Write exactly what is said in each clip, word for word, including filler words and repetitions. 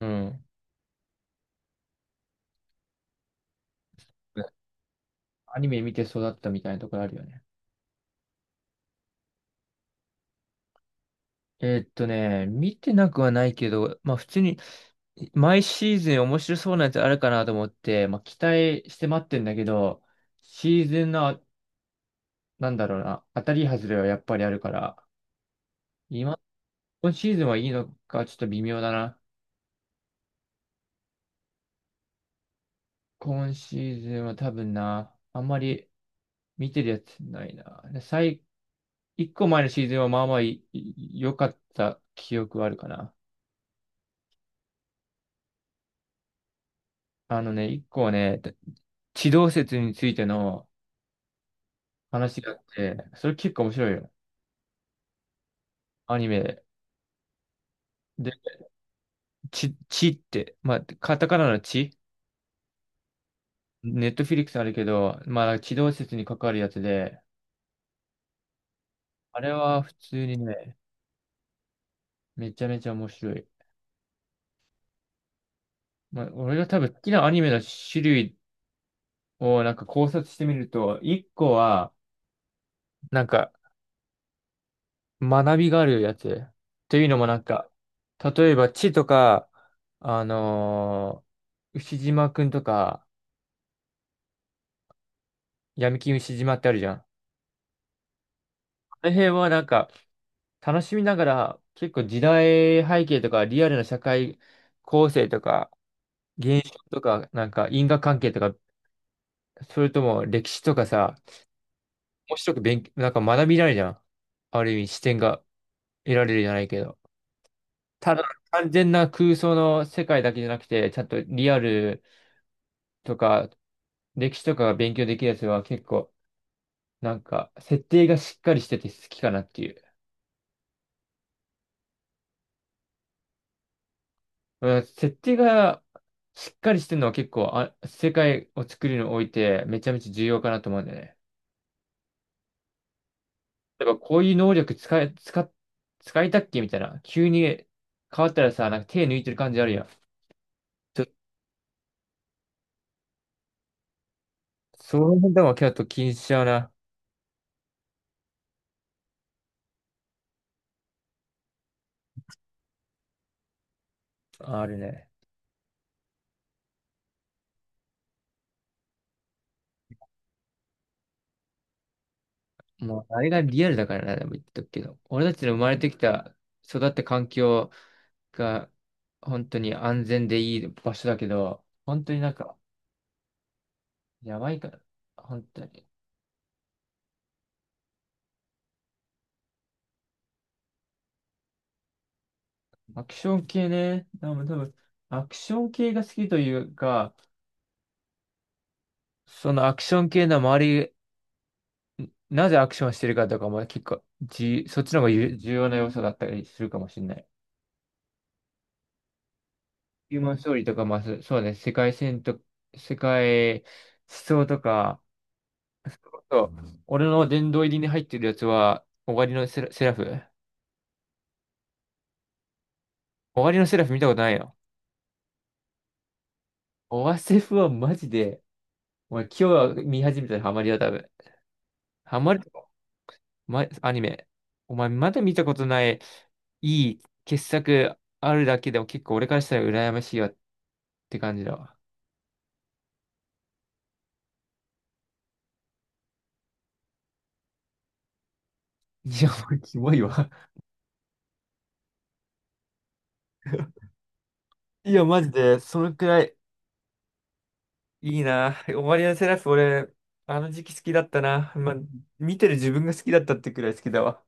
うん。アニメ見て育ったみたいなところあるよね。えーっとね、見てなくはないけど、まあ普通に毎シーズン面白そうなやつあるかなと思って、まあ期待して待ってんだけど、シーズンの、なんだろうな、当たり外れはやっぱりあるから、今、今シーズンはいいのかちょっと微妙だな。今シーズンは多分な、あんまり見てるやつないな。で最、一個前のシーズンはまあまあいい良かった記憶はあるかな。あのね、一個はね、地動説についての話があって、それ結構面白いよ。アニメで。で、ち、ちって、まあ、カタカナのち、ネットフィリックスあるけど、まあ、地動説に関わるやつで、あれは普通にね、めちゃめちゃ面白い。まあ、俺が多分好きなアニメの種類をなんか考察してみると、一個は、なんか学びがあるやつ。というのもなんか、例えば地とか、あのー牛島くんとか、闇金牛島ってあるじゃん。あの辺はなんか、楽しみながら、結構時代背景とか、リアルな社会構成とか、現象とか、なんか因果関係とか、それとも歴史とかさ、面白く勉強、なんか学びられるじゃん。ある意味視点が得られるじゃないけど。ただ完全な空想の世界だけじゃなくて、ちゃんとリアルとか歴史とかが勉強できるやつは結構なんか設定がしっかりしてて好きかなっていう。うん、設定がしっかりしてるのは結構あ、世界を作るにおいてめちゃめちゃ重要かなと思うんだよね。例えばこういう能力使い、使っ、使いたっけみたいな。急に変わったらさ、なんか手抜いてる感じあるやん。ちょ、その辺でも結構気にしちゃうな。あるね。もうあれがリアルだからな、でも言っとくけど。俺たちの生まれてきた、育った環境が本当に安全でいい場所だけど、本当になんかやばいから、本当に。アクション系ね、多分多分、アクション系が好きというか、そのアクション系の周り、なぜアクションしてるかとかも結構じ、そっちの方がゆ重要な要素だったりするかもしれない。ヒューマンストーリーとか、まあ、そそうね、世界線と、世界思想とか、そう。俺の殿堂入りに入ってるやつは、終わりのセラ、セラフ。終わりのセラフ見たことないよ。オワセフはマジで、お前今日は見始めたらハマりだ、多分。ハマるとこ、ま、アニメ。お前まだ見たことない、いい傑作あるだけでも結構俺からしたら羨ましいわって感じだわ。いや、もうキモいわ。いや、マジで、そのくらいいいな。終わりのセラフ俺、あの時期好きだったな。まあ、見てる自分が好きだったってくらい好きだわ。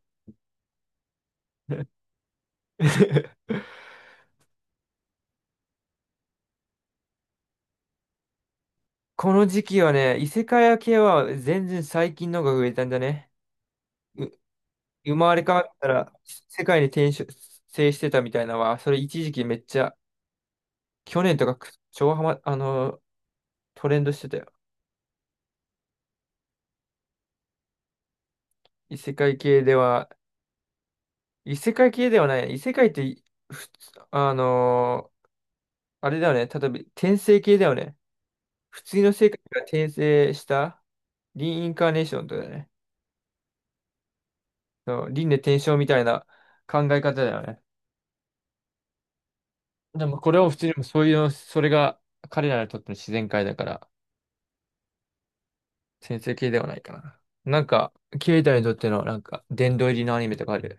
この時期はね、異世界系は全然最近のが増えたんだね。う、生まれ変わったら世界に転生してたみたいなのは、それ一時期めっちゃ、去年とかく超ハマ、あの、トレンドしてたよ。異世界系では、異世界系ではない。異世界って普通、あのあれだよね。例えば転生系だよね。普通の世界から転生したリインカーネーションとかだよね。そう、輪廻転生みたいな考え方だよね。でもこれを普通にそういう、それが彼らにとっての自然界だから、先生系ではないかな。なんか、ケイタにとってのなんか、殿堂入りのアニメとかある。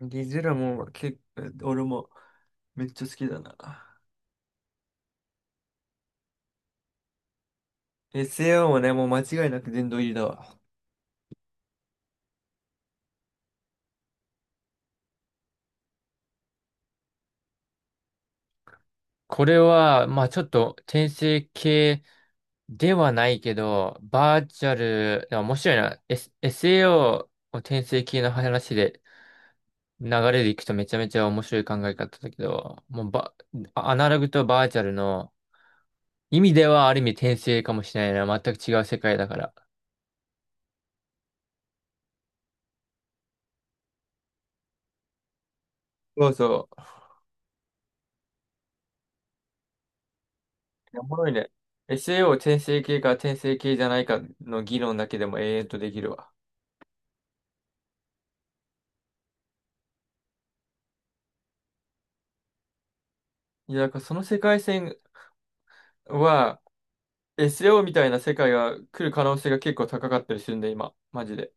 ディズラも結構、俺もめっちゃ好きだな。エスエーオー もね、もう間違いなく殿堂入りだわ。これは、まあちょっと転生系ではないけど、バーチャル、でも面白いな。S、エスエーオー を転生系の話で流れでいくとめちゃめちゃ面白い考え方だけど、もうば、アナログとバーチャルの意味ではある意味転生かもしれないな。全く違う世界だから。そうそう。いやおもろいね。エスエーオー 転生系か転生系じゃないかの議論だけでも永遠とできるわ。いや、だからその世界線は エスエーオー みたいな世界が来る可能性が結構高かったりするんだ、今。マジで。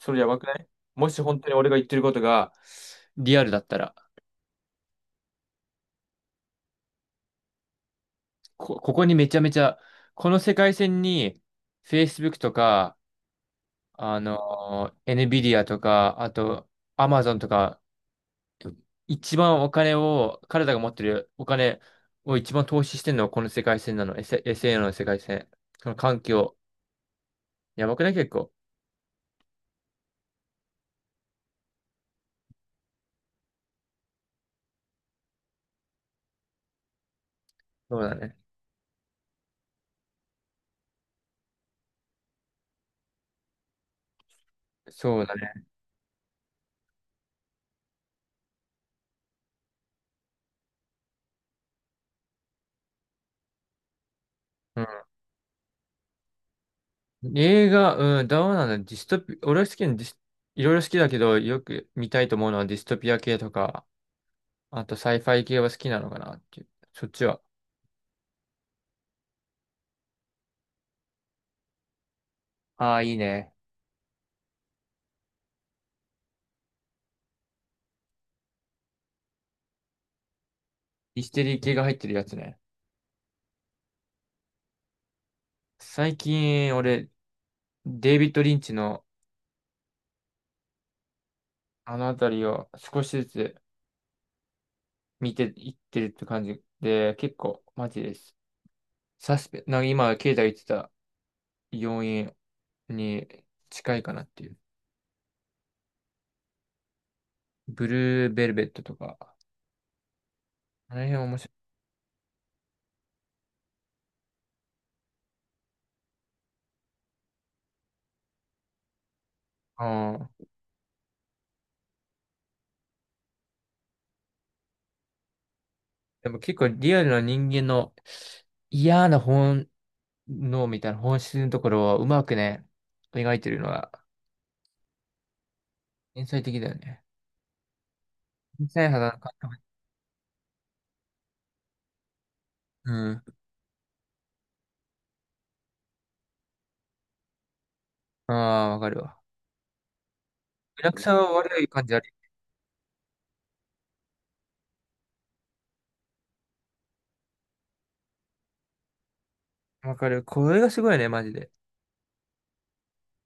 それやばくない？もし本当に俺が言ってることがリアルだったら。こ、ここにめちゃめちゃ、この世界線に Facebook とか、あの、NVIDIA とか、あと Amazon とか、一番お金を、彼らが持ってるお金を一番投資してるのはこの世界線なの。S- エスエーオー の世界線。その環境。やばくない結構？そうだね。そうだね。うん。映画、うん、どうなんだ。ディストピ、俺は好きなディス、いろいろ好きだけど、よく見たいと思うのはディストピア系とか、あとサイファイ系は好きなのかなっていう。そっちは。ああ、いいね。ミステリー系が入ってるやつね。最近、俺、デイビッド・リンチのあのあたりを少しずつ見ていってるって感じで、結構マジです。サスペ、なんか今、経済言ってた要因に近いかなっていう。ブルーベルベットとか、あの辺面白い。ああ。でも結構リアルな人間の嫌な本能みたいな本質のところをうまくね、描いてるのは天才的だよね。天才肌の感覚。うん。ああ、わかるわ。リアクシは悪い感じある。わかる。これがすごいね、マジで。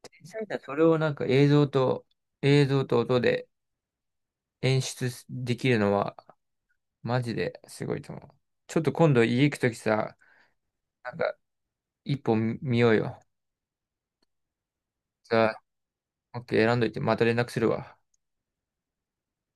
天才だ。それをなんか映像と、映像と音で演出できるのは、マジですごいと思う。ちょっと今度家行くときさ、なんか一本見ようよ。さあ、OK、選んどいて、また連絡するわ。